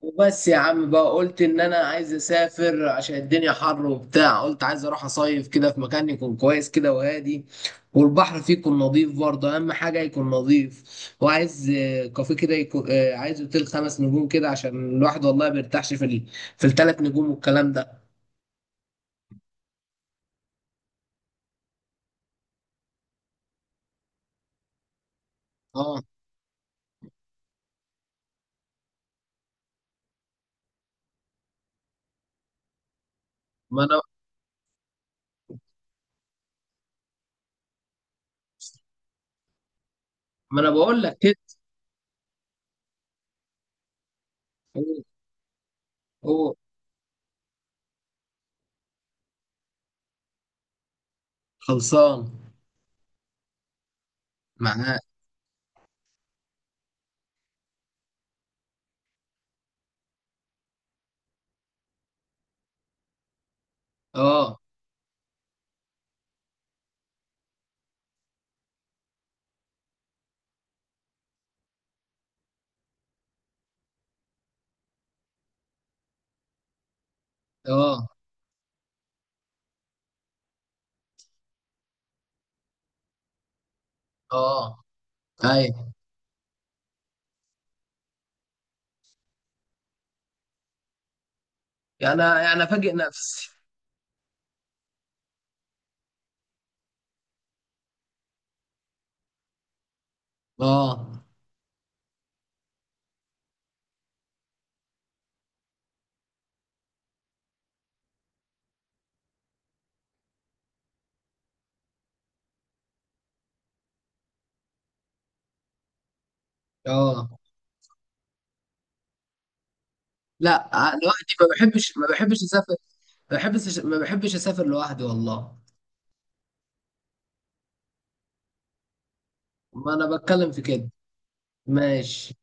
وبس يا عم بقى قلت ان انا عايز اسافر عشان الدنيا حر وبتاع، قلت عايز اروح اصيف كده في مكان يكون كويس كده وهادي، والبحر فيه يكون نظيف برضه، اهم حاجه يكون نظيف. وعايز كافيه كده يكون، عايز اوتيل خمس نجوم كده عشان الواحد والله ما بيرتاحش في ال... في الثلاث نجوم والكلام ده. اه. ما انا ما انا بقول لك كده. هو هو خلصان معاك. اه. اه. اه. ايوه. انا فاجئ نفسي. اه. اه. لا، دلوقتي ما بحبش اسافر، ما بحبش اسافر لوحدي والله. ما انا بتكلم في كده. ماشي.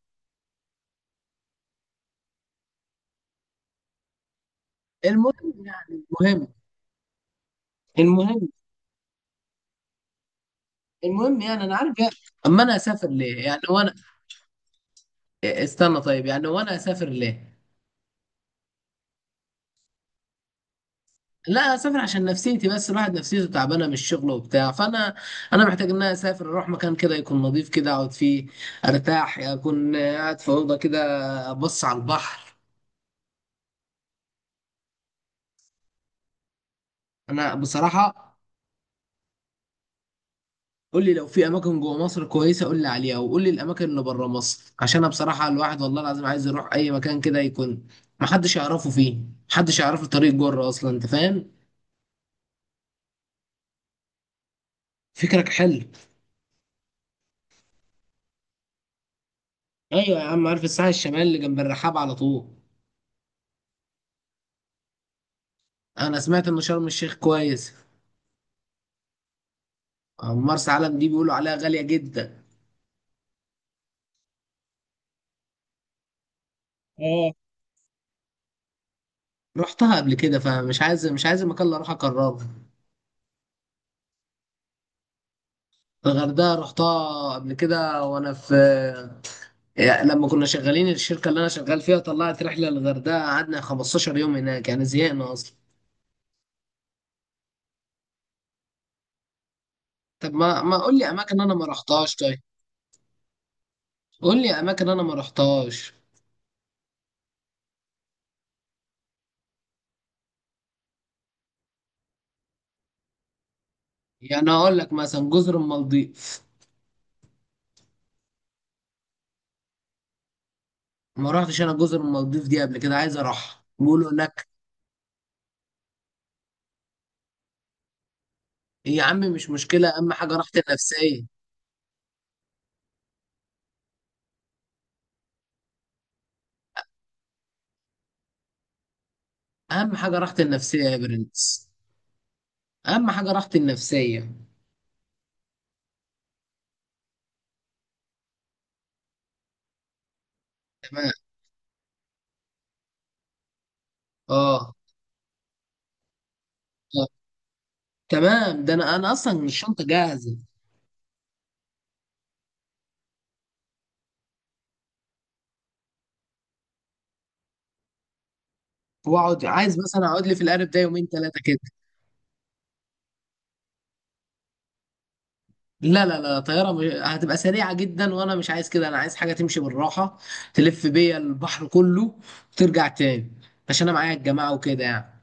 المهم يعني. المهم المهم يعني انا عارف يعني. اما انا اسافر ليه يعني وانا... استنى طيب، يعني وانا اسافر ليه؟ لا، اسافر عشان نفسيتي بس، الواحد نفسيته تعبانه من الشغل وبتاع، فانا انا محتاج ان انا اسافر، اروح مكان كده يكون نظيف كده، اقعد فيه ارتاح، اكون قاعد في اوضه كده ابص على البحر. انا بصراحه، قول لي لو في اماكن جوه مصر كويسه قول لي عليها، وقول لي الاماكن اللي بره مصر، عشان انا بصراحه الواحد والله العظيم عايز يروح اي مكان كده يكون محدش يعرفه فيه، محدش يعرف له طريق بره اصلا، انت فاهم. فكرك حلو. ايوه يا عم، عارف الساحل الشمالي اللي جنب الرحاب على طول. انا سمعت ان شرم الشيخ كويس. أما مرسى علم دي بيقولوا عليها غاليه جدا. اه، رحتها قبل كده، فمش عايز، مش عايز المكان اللي اروح اكرره. الغردقه رحتها قبل كده وانا في، يعني لما كنا شغالين الشركة اللي أنا شغال فيها طلعت رحلة للغردقة، قعدنا 15 يوم هناك، يعني زهقنا أصلا. طب ما قول لي أماكن أنا ما رحتهاش، طيب. قول لي أماكن أنا ما رحتهاش. يعني أقول لك مثلا جزر المالديف. ما رحتش أنا جزر المالديف دي قبل كده، عايز أروح، بيقولوا هناك... يا عم مش مشكلة، أهم حاجة راحتي النفسية. أهم حاجة راحتي النفسية يا برنس. أهم حاجة راحتي النفسية. تمام. أه. آه. تمام، ده أنا أصلا الشنطة جاهزة. وأقعد، عايز مثلا أقعد لي في القارب ده يومين ثلاثة كده. لا لا لا، طيارة مش... هتبقى سريعة جدا وانا مش عايز كده، انا عايز حاجة تمشي بالراحة، تلف بيا البحر كله وترجع تاني، عشان انا معايا الجماعة وكده يعني.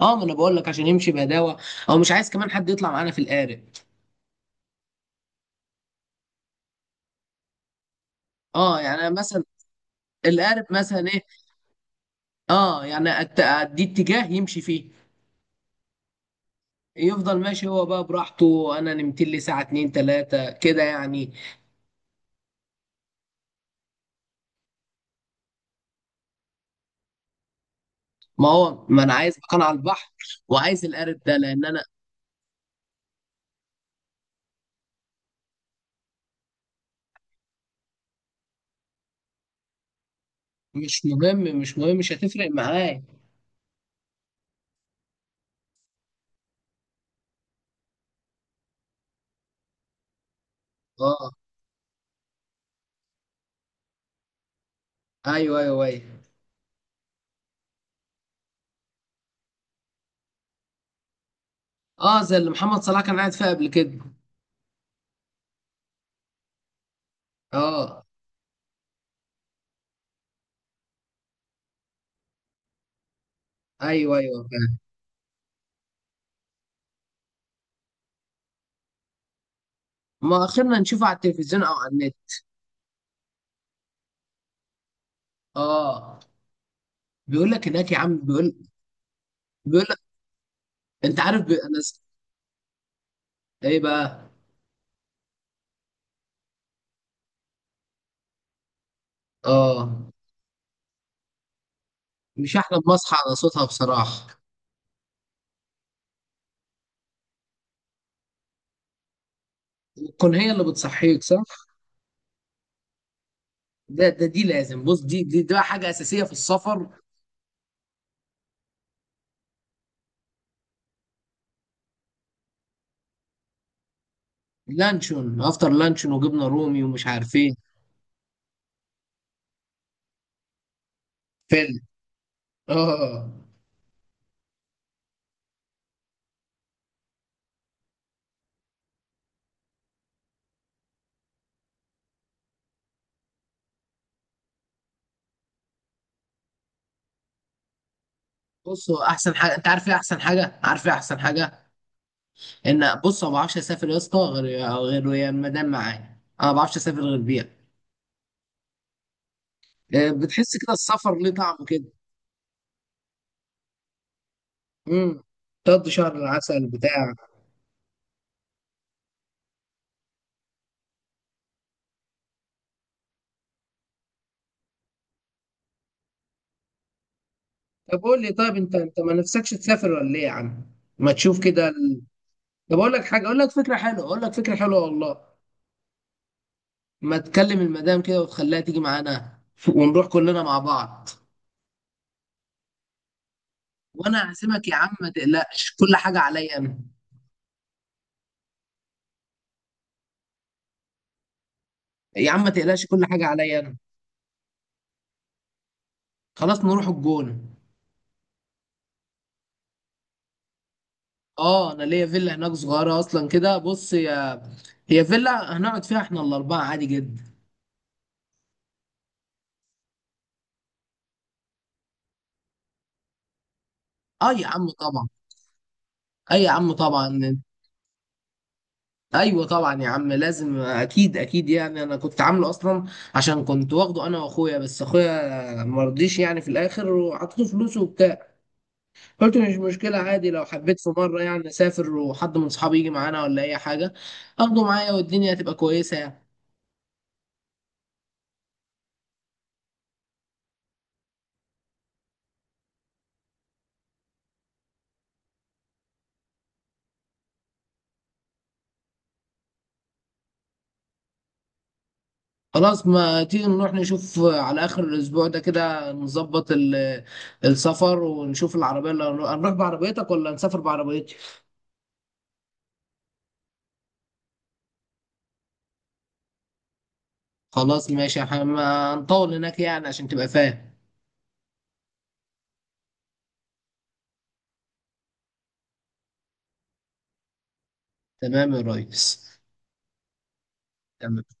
اه، ما انا بقول لك عشان يمشي بهداوة، او مش عايز كمان حد يطلع معانا في القارب. اه يعني أنا مثلا القارب مثلا ايه، اه يعني أت- ادي اتجاه يمشي فيه، يفضل ماشي هو بقى براحته، انا نمت لي ساعة اتنين تلاتة كده يعني. ما هو ما انا عايز مكان على البحر، وعايز القارب ده لان انا... مش مهم، مش مهم، مش هتفرق معايا. اه. ايوه ايوه ايوه. اه، زي اللي محمد صلاح كان قاعد فيها قبل كده. اه، ايوه ايوه، فاهم. ما اخرنا نشوفه على التلفزيون او على النت. اه. بيقول لك هناك يا عم، بيقول. بيقول لك، انت عارف بي... انا س-... ايه بقى؟ اه، مش احلى ما اصحى على صوتها بصراحه، تكون هي اللي بتصحيك، صح. ده ده دي لازم، بص، دي بقى حاجه اساسيه في السفر. لانشون، افطر لانشون وجبنه رومي ومش عارف ايه. فل. اه. بصوا، احسن حاجه انت عارف ايه؟ احسن حاجه، عارف ايه احسن حاجه؟ ان بص، أنا ما بعرفش اسافر يا اسطى غير ويا المدام معايا، انا ما بعرفش اسافر غير بيها. بتحس كده السفر ليه طعم كده. امم. تقضي شهر العسل بتاع. طب قول لي طيب، انت ما نفسكش تسافر ولا ايه يا عم؟ ما تشوف كده ال... طب اقول لك حاجه، اقول لك فكره حلوه، اقول لك فكره حلوه والله. ما تكلم المدام كده وتخليها تيجي معانا، ونروح كلنا مع بعض، وانا هعزمك يا عم، ما تقلقش كل حاجه عليا انا. يا عم ما تقلقش كل حاجه عليا انا. خلاص نروح الجونه. اه، انا ليا فيلا هناك صغيره اصلا كده، بص، هي فيلا هنقعد فيها احنا الاربعه عادي جدا. اه يا عم طبعا. اي يا عم طبعا. ايوه طبعا يا عم، لازم، اكيد اكيد يعني، انا كنت عامله اصلا، عشان كنت واخده انا واخويا، بس اخويا مرضيش يعني في الاخر، وحطيته فلوسه وبتاع، قلت مش مشكله عادي، لو حبيت في مره يعني اسافر وحد من صحابي يجي معانا ولا اي حاجه، اخده معايا والدنيا هتبقى كويسه يعني. خلاص، ما تيجي نروح نشوف على آخر الأسبوع ده كده، نظبط ال- السفر، ونشوف العربية اللي هنروح بعربيتك ولا نسافر بعربيتي. خلاص ماشي، احنا ما هنطول هناك يعني، عشان تبقى فاهم. تمام يا ريس. تمام.